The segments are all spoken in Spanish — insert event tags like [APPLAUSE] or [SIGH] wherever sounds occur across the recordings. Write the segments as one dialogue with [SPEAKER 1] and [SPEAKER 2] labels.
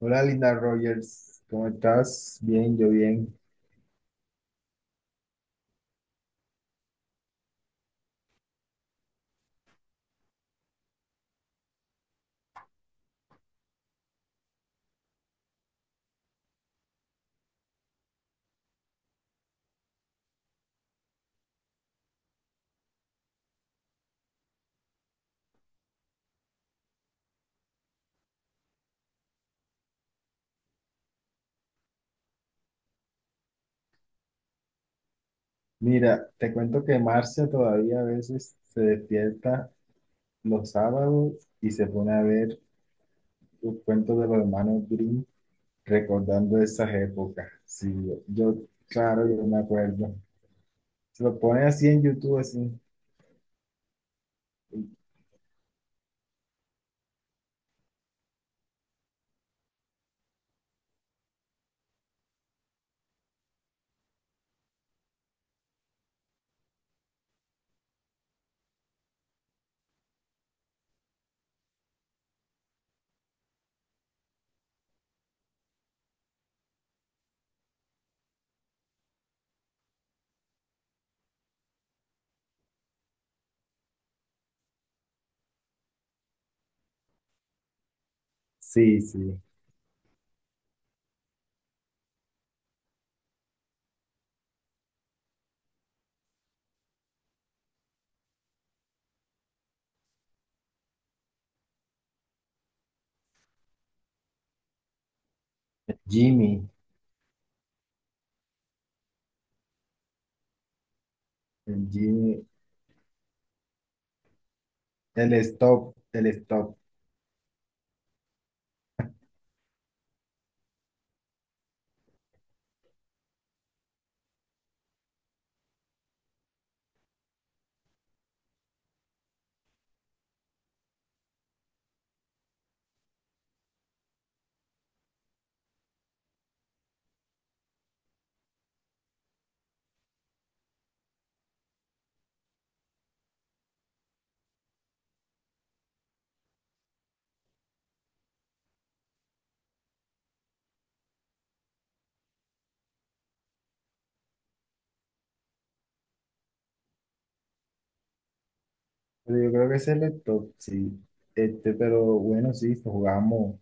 [SPEAKER 1] Hola Linda Rogers, ¿cómo estás? Bien, yo bien. Mira, te cuento que Marcia todavía a veces se despierta los sábados y se pone a ver los cuentos de los hermanos Grimm recordando esas épocas. Sí, claro, yo me acuerdo. Se lo pone así en YouTube, así. Sí, sí. Jimmy, el Jimmy, el stop. Pero yo creo que es el stop, sí. Este, pero bueno, sí, jugamos.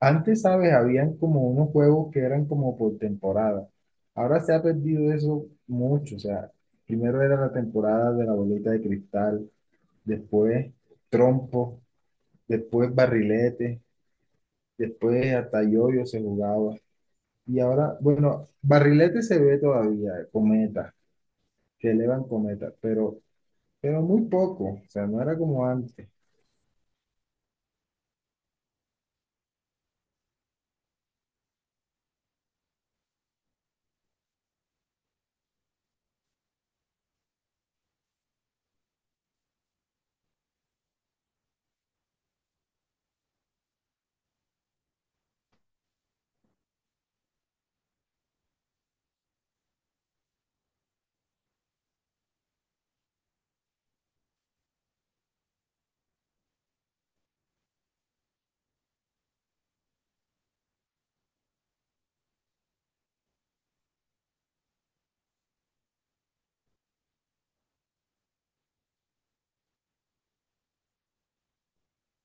[SPEAKER 1] Antes, ¿sabes? Habían como unos juegos que eran como por temporada. Ahora se ha perdido eso mucho. O sea, primero era la temporada de la bolita de cristal, después trompo, después barrilete, después hasta yoyo se jugaba. Y ahora, bueno, barrilete se ve todavía, cometa, que elevan cometa, pero muy poco. O sea, no era como antes.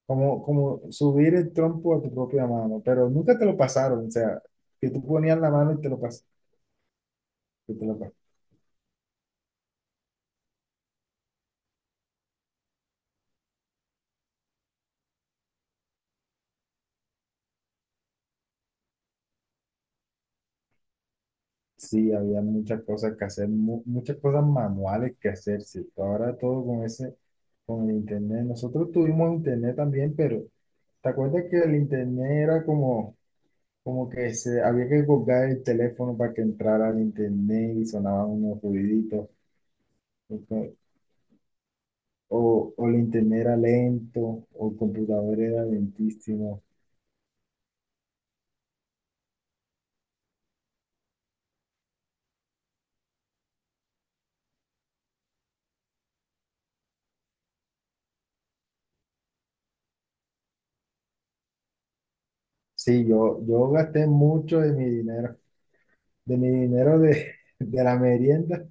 [SPEAKER 1] Como, como subir el trompo a tu propia mano, pero nunca te lo pasaron. O sea, que tú ponías la mano y te lo pasaban que te lo pa- Sí, había muchas cosas que hacer, muchas cosas manuales que hacer, sí. Ahora todo con con el internet. Nosotros tuvimos internet también, pero ¿te acuerdas que el internet era como, como que se, había que colgar el teléfono para que entrara al internet y sonaban unos ruiditos? O, que- o el internet era lento, o el computador era lentísimo. Sí, yo gasté mucho de mi dinero, de mi dinero de, [LAUGHS] de la merienda.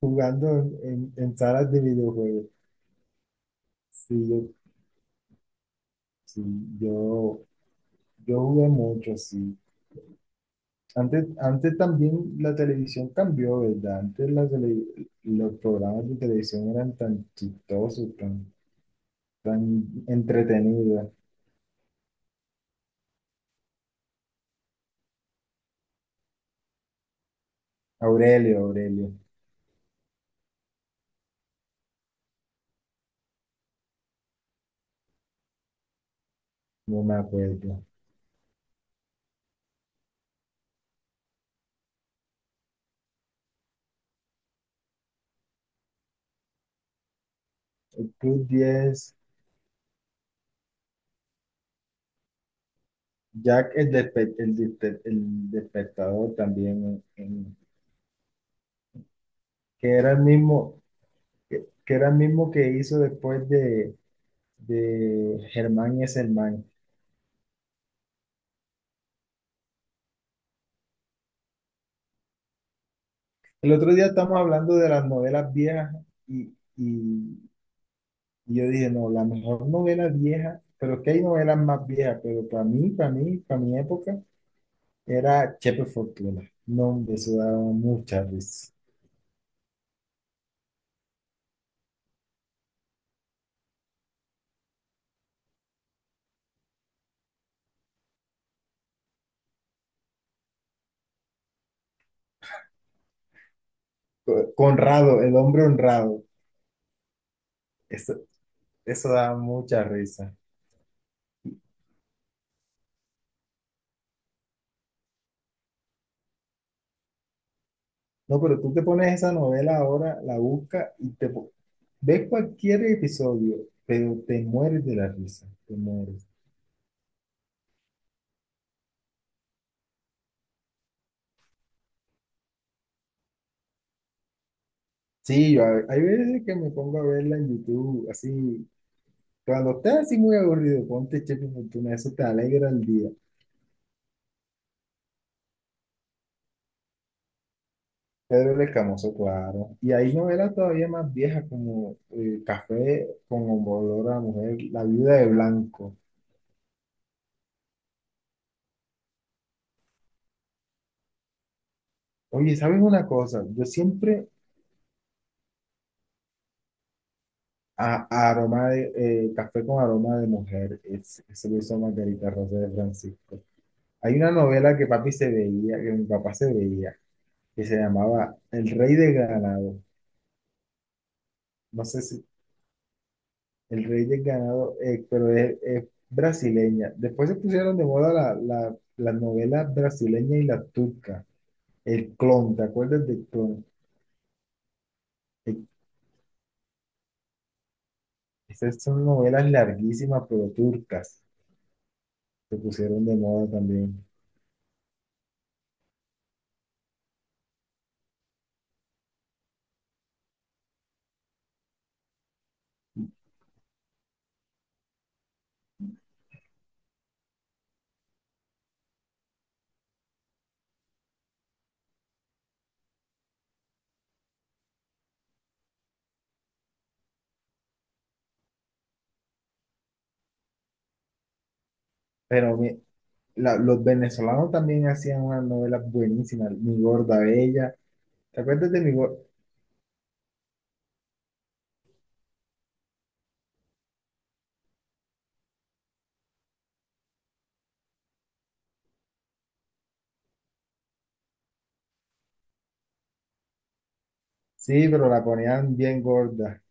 [SPEAKER 1] Jugando en salas de videojuegos. Sí, sí, yo, yo jugué mucho, sí. Antes, antes también la televisión cambió, ¿verdad? Los programas de televisión eran tan chistosos, tan, tan entretenidos. Aurelio, Aurelio, no me acuerdo. El Club diez, Jack el, despe- el, despe- el despertador también, que era el mismo, que era el mismo que hizo después de Germán y Germán. El otro día estamos hablando de las novelas viejas y, y- y yo dije, no, la mejor novela vieja, pero es que hay novelas más viejas, pero para mí, para mi época, era Chepe Fortuna. No, hombre, eso daba mucha risa. Conrado, el hombre honrado, eso, eso daba mucha risa. No, pero tú te pones esa novela ahora, la buscas ves cualquier episodio, pero te mueres de la risa, te mueres. Sí, hay veces que me pongo a verla en YouTube, así, cuando estás así muy aburrido, ponte Chepe Fortuna, eso te alegra el día. Pedro el Escamoso, claro. Y hay novelas todavía más viejas como Café con olor a mujer, La viuda de Blanco. Oye, ¿sabes una cosa? Yo siempre a aroma de Café con aroma de mujer, eso lo hizo Margarita Rosa de Francisco. Hay una novela que papi se veía, que mi papá se veía, que se llamaba El Rey de Ganado. No sé si El rey del ganado, pero es brasileña. Después se pusieron de moda las novelas brasileñas y las turcas. El clon, ¿te acuerdas del clon? Eh, Esas son novelas larguísimas, pero turcas. Se pusieron de moda también. Pero mi- los venezolanos también hacían unas novelas buenísimas. Mi gorda bella. ¿Te acuerdas de mi gorda? Sí, pero la ponían bien gorda.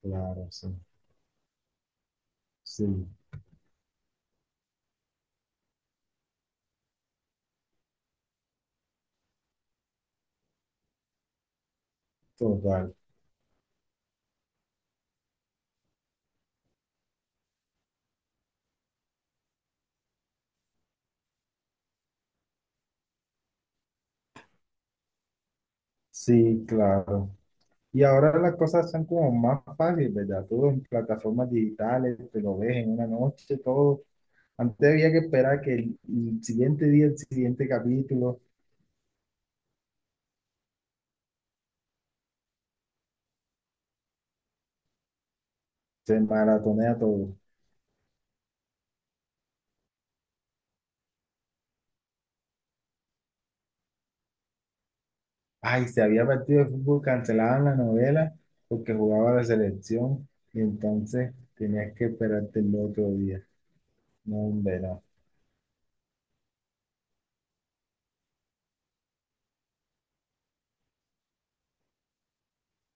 [SPEAKER 1] Claro, sí. Sí, total. Sí, claro. Y ahora las cosas son como más fáciles, ¿verdad? Todo en plataformas digitales, te lo ves en una noche, todo. Antes había que esperar que el siguiente día, el siguiente capítulo, se maratonea todo. Ay, si había partido de fútbol, cancelaban la novela porque jugaba la selección y entonces tenías que esperarte el otro día. No, hombre, no.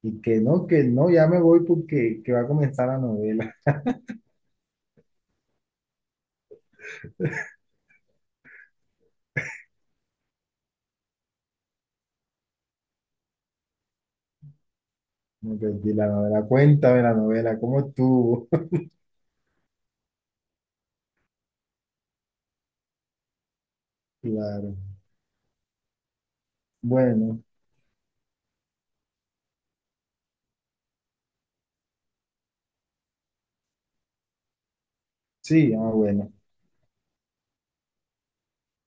[SPEAKER 1] Y que no, ya me voy porque que va a comenzar la novela. [LAUGHS] Me perdí la novela. Cuéntame la novela, ¿cómo estuvo? [LAUGHS] Claro. Bueno. Sí, ah, bueno.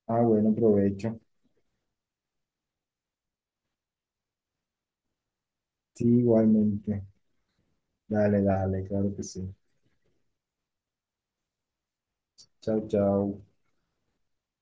[SPEAKER 1] Ah, bueno, provecho. Sí, igualmente. Dale, dale, claro que sí. Chao, chao.